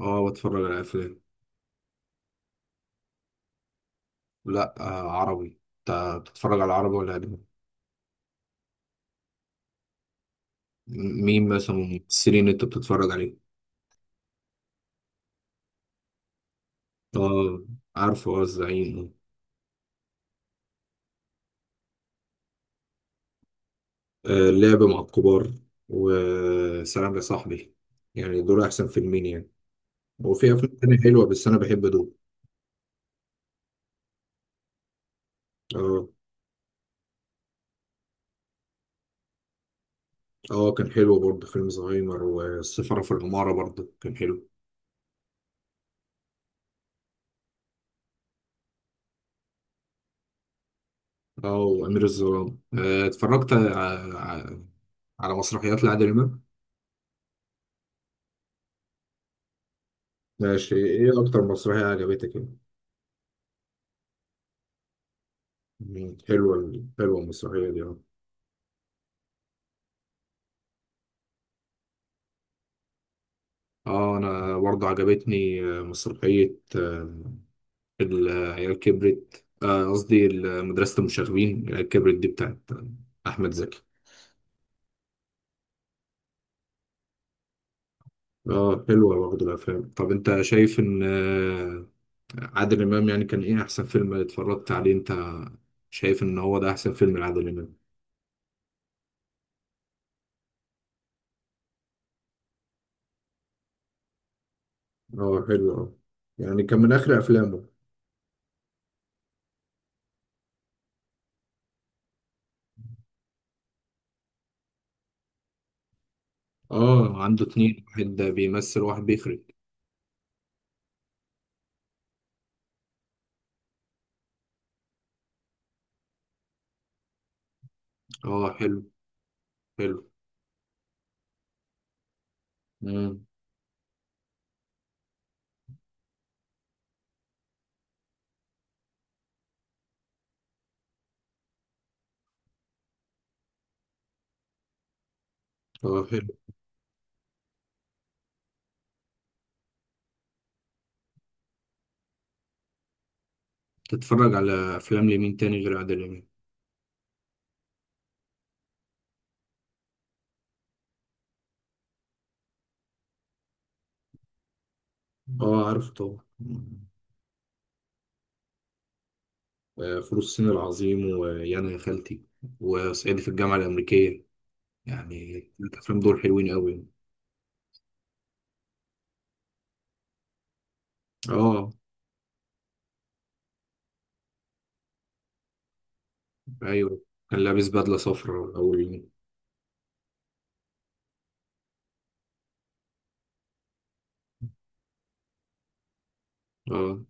اه، بتفرج على افلام. لا، عربي. انت بتتفرج على عربي ولا اجنبي؟ مين مثلا من الممثلين اللي انت بتتفرج عليه؟ اه، عارفه، اه، الزعيم. آه، اللعب مع الكبار. وسلام يا صاحبي. يعني دول احسن فيلمين يعني. وفي افلام تانية حلوه، بس انا بحب دول. اه، اه، كان حلو برضه فيلم زهايمر، والسفارة في العمارة برضه كان حلو. اه، وامير الظلام. اتفرجت على مسرحيات لعادل امام. ماشي، ايه اكتر مسرحية عجبتك يعني؟ مم. حلوة المسرحية دي، اه. اه، انا برضه عجبتني مسرحية العيال كبرت، قصدي مدرسة المشاغبين. العيال كبرت دي بتاعت أحمد زكي. اه، حلوة برضه الأفلام. طب أنت شايف إن عادل إمام يعني كان إيه أحسن فيلم اتفرجت عليه؟ أنت شايف إن هو ده أحسن فيلم لعادل إمام؟ اه، حلو، اه. يعني كان من آخر أفلامه. اه، عنده اتنين، واحد بيمثل واحد بيخرج. اه، حلو. حلو. مم. اه، حلو. تتفرج على أفلام لمين تاني غير عادل إمام؟ آه، عارف طبعا. آه، فول الصين العظيم، ويانا يا خالتي، وصعيدي في الجامعة الأمريكية. يعني الأفلام دول حلوين أوي. آه. أيوه. كان لابس بدلة صفراء أول يوم. آه.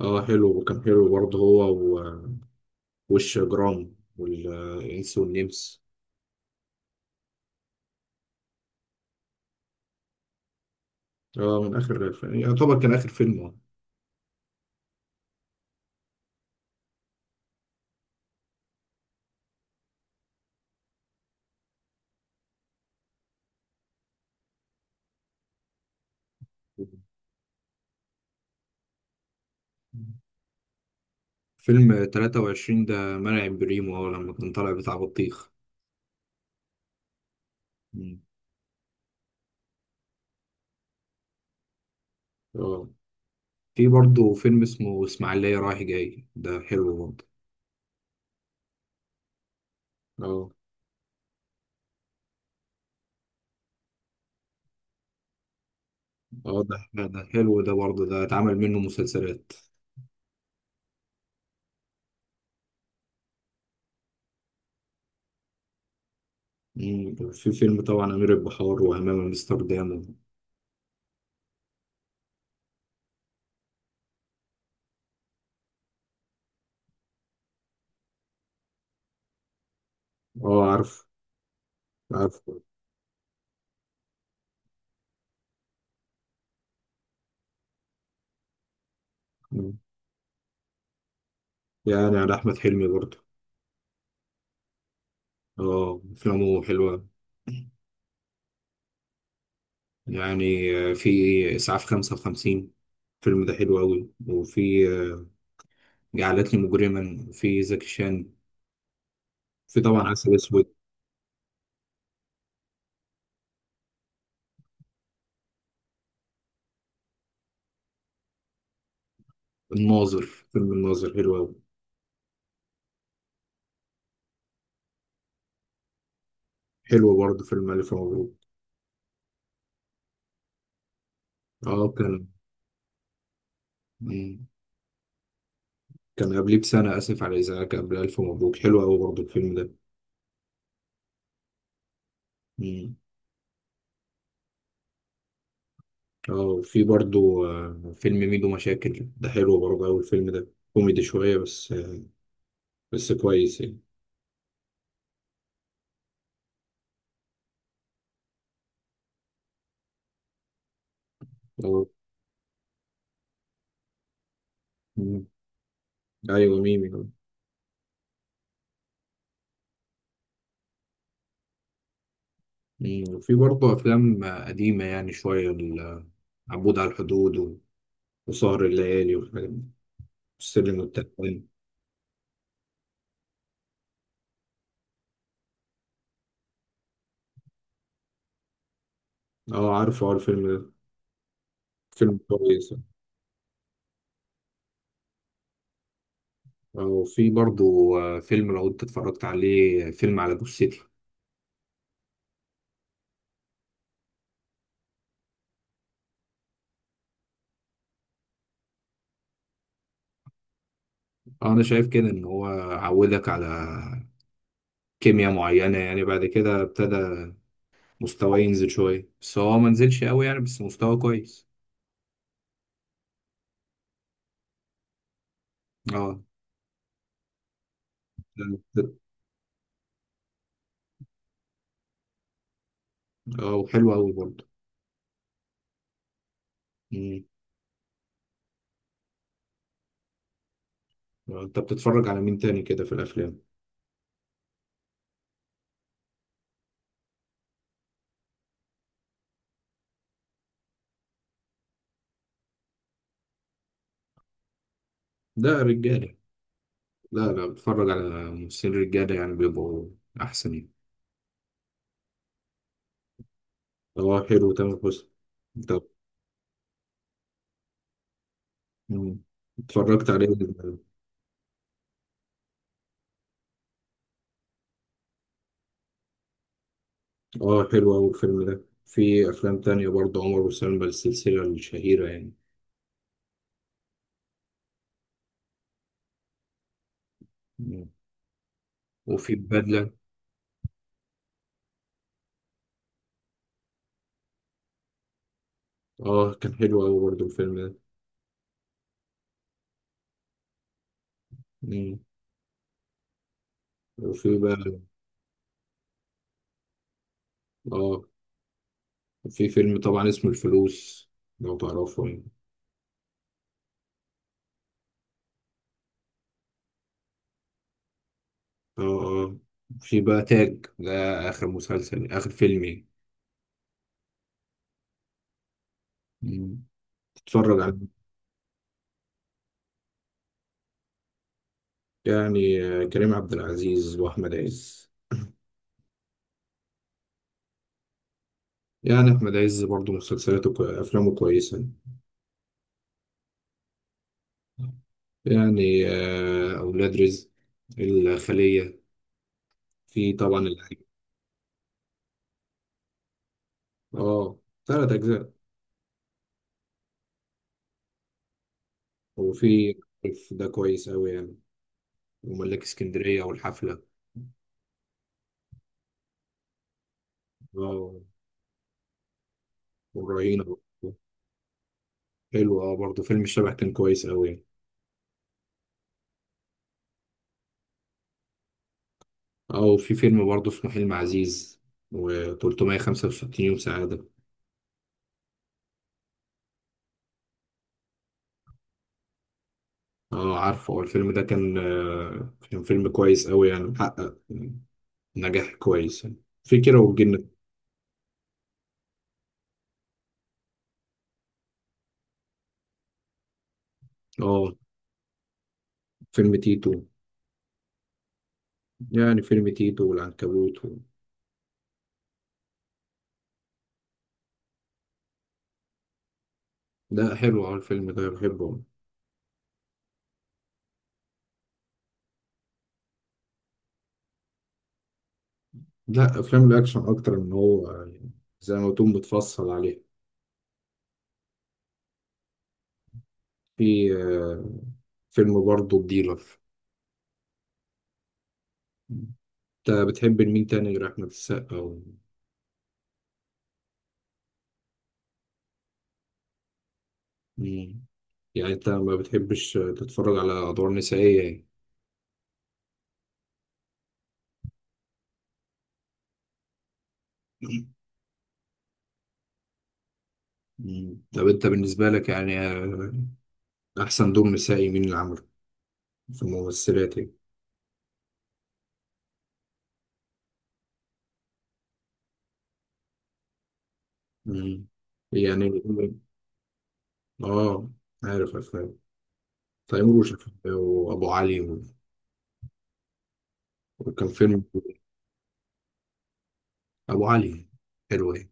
آه، حلو. وكان حلو برضه هو وش جرام، والإنس والنمس. آه، من آخر يعتبر كان آخر فيلم. آه فيلم 23 ده منع بريمو، لما كان طالع بتاع بطيخ. مم. اه، في برضه فيلم اسمه إسماعيلية رايح جاي، ده حلو برضه. اه، اه، ده حلو، ده برضه ده اتعمل منه مسلسلات. مم، في فيلم طبعا أمير البحار وأمام أمستردام. اه، عارف. عارف. مم. يعني على أحمد حلمي برضه. اه، أفلامه حلوة. يعني في إسعاف 55. الفيلم ده حلو أوي. وفي جعلتني مجرما في زكي شان. في طبعا عسل أسود. الناظر. فيلم الناظر حلو أوي. حلو برضه فيلم ألف مبروك. اه، كان. مم. كان قبليه بسنة آسف على الإزعاج قبل ألف مبروك، حلو أوي برضه الفيلم ده. مم. اه، وفي برضه فيلم ميدو مشاكل، ده حلو برضه أوي الفيلم ده، كوميدي شوية، بس كويس يعني. اه. مم. أيوة، ميمي، آه. مم. وفي برضه أفلام قديمة يعني شوية، عبود على الحدود، وسهر الليالي والحاجات دي، والسلم والتلوين. اه، عارفه، اه الفيلم ده فيلم كويس. وفي برضو فيلم، لو انت اتفرجت عليه، فيلم على جثتي. انا شايف كده ان هو عودك على كيمياء معينة يعني، بعد كده ابتدى مستواه ينزل شوية، بس هو ما نزلش قوي يعني، بس مستواه كويس. اه. اه، وحلو قوي برضه. مم. انت بتتفرج على مين تاني كده في الافلام؟ ده رجالي. لا، لا، بتفرج على ممثلين رجالة يعني، بيبقوا احسن يعني. هو حلو تامر حسني. طب. مم. اتفرجت عليه. اه، حلو أوي الفيلم ده. في أفلام تانية برضه عمر وسلمى، السلسلة الشهيرة يعني. مم. وفي بدلة. اه، كان حلو أوي برضه الفيلم ده. مم. وفي بقى. اه، في فيلم طبعا اسمه الفلوس، لو تعرفه يعني. اه، اه. في بقى تاج ده، آخر مسلسل، آخر فيلم يعني. مم. تتفرج عليه. يعني كريم عبد العزيز وأحمد عز. يعني أحمد عز برضه أفلامه كويسة. يعني أولاد رزق، الخلية، في طبعا الحاجة. اه، ثلاث أجزاء. وفي. ده كويس أوي يعني. وملاك اسكندرية والحفلة. اه، والرهينة برضه. حلو، اه، برضه فيلم الشبح كان كويس أوي يعني. اه. وفي فيلم برضه اسمه حلم عزيز و365 يوم سعادة. اه، عارفه. هو الفيلم ده كان فيلم كويس أوي يعني، محقق نجاح كويس يعني. في كيرة والجن. اه، فيلم تيتو. يعني فيلم تيتو والعنكبوت. و... لا، حلو أوي الفيلم ده، بحبه. لا، أفلام الأكشن أكتر، من هو يعني زي ما تكون بتفصل عليه. في فيلم برضه الديلر. أنت بتحب مين تاني غير أحمد السقا؟ و... مم. يعني أنت ما بتحبش تتفرج على أدوار نسائية يعني؟ مم. طب أنت بالنسبة لك يعني أحسن دور نسائي مين اللي عمله في الممثلات يعني؟ مم. يعني. آه، عارف أفلام تيمور وشفيق وابو علي. و... وكان فيلم. ابو علي. حلو، ايه.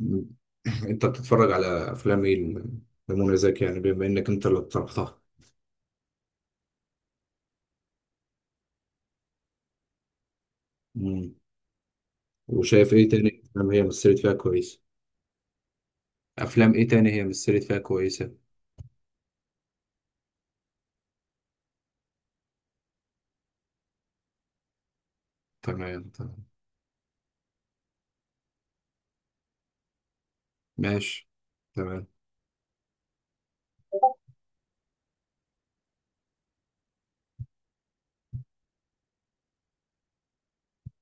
م- انت بتتفرج على افلام ايه لمنى زكي يعني، بما انك انت اللي اقترحتها؟ مم. وشايف ايه تاني افلام هي مثلت فيها كويس؟ افلام ايه تاني هي مثلت فيها كويسة؟ تمام، تمام. ماشي. تمام.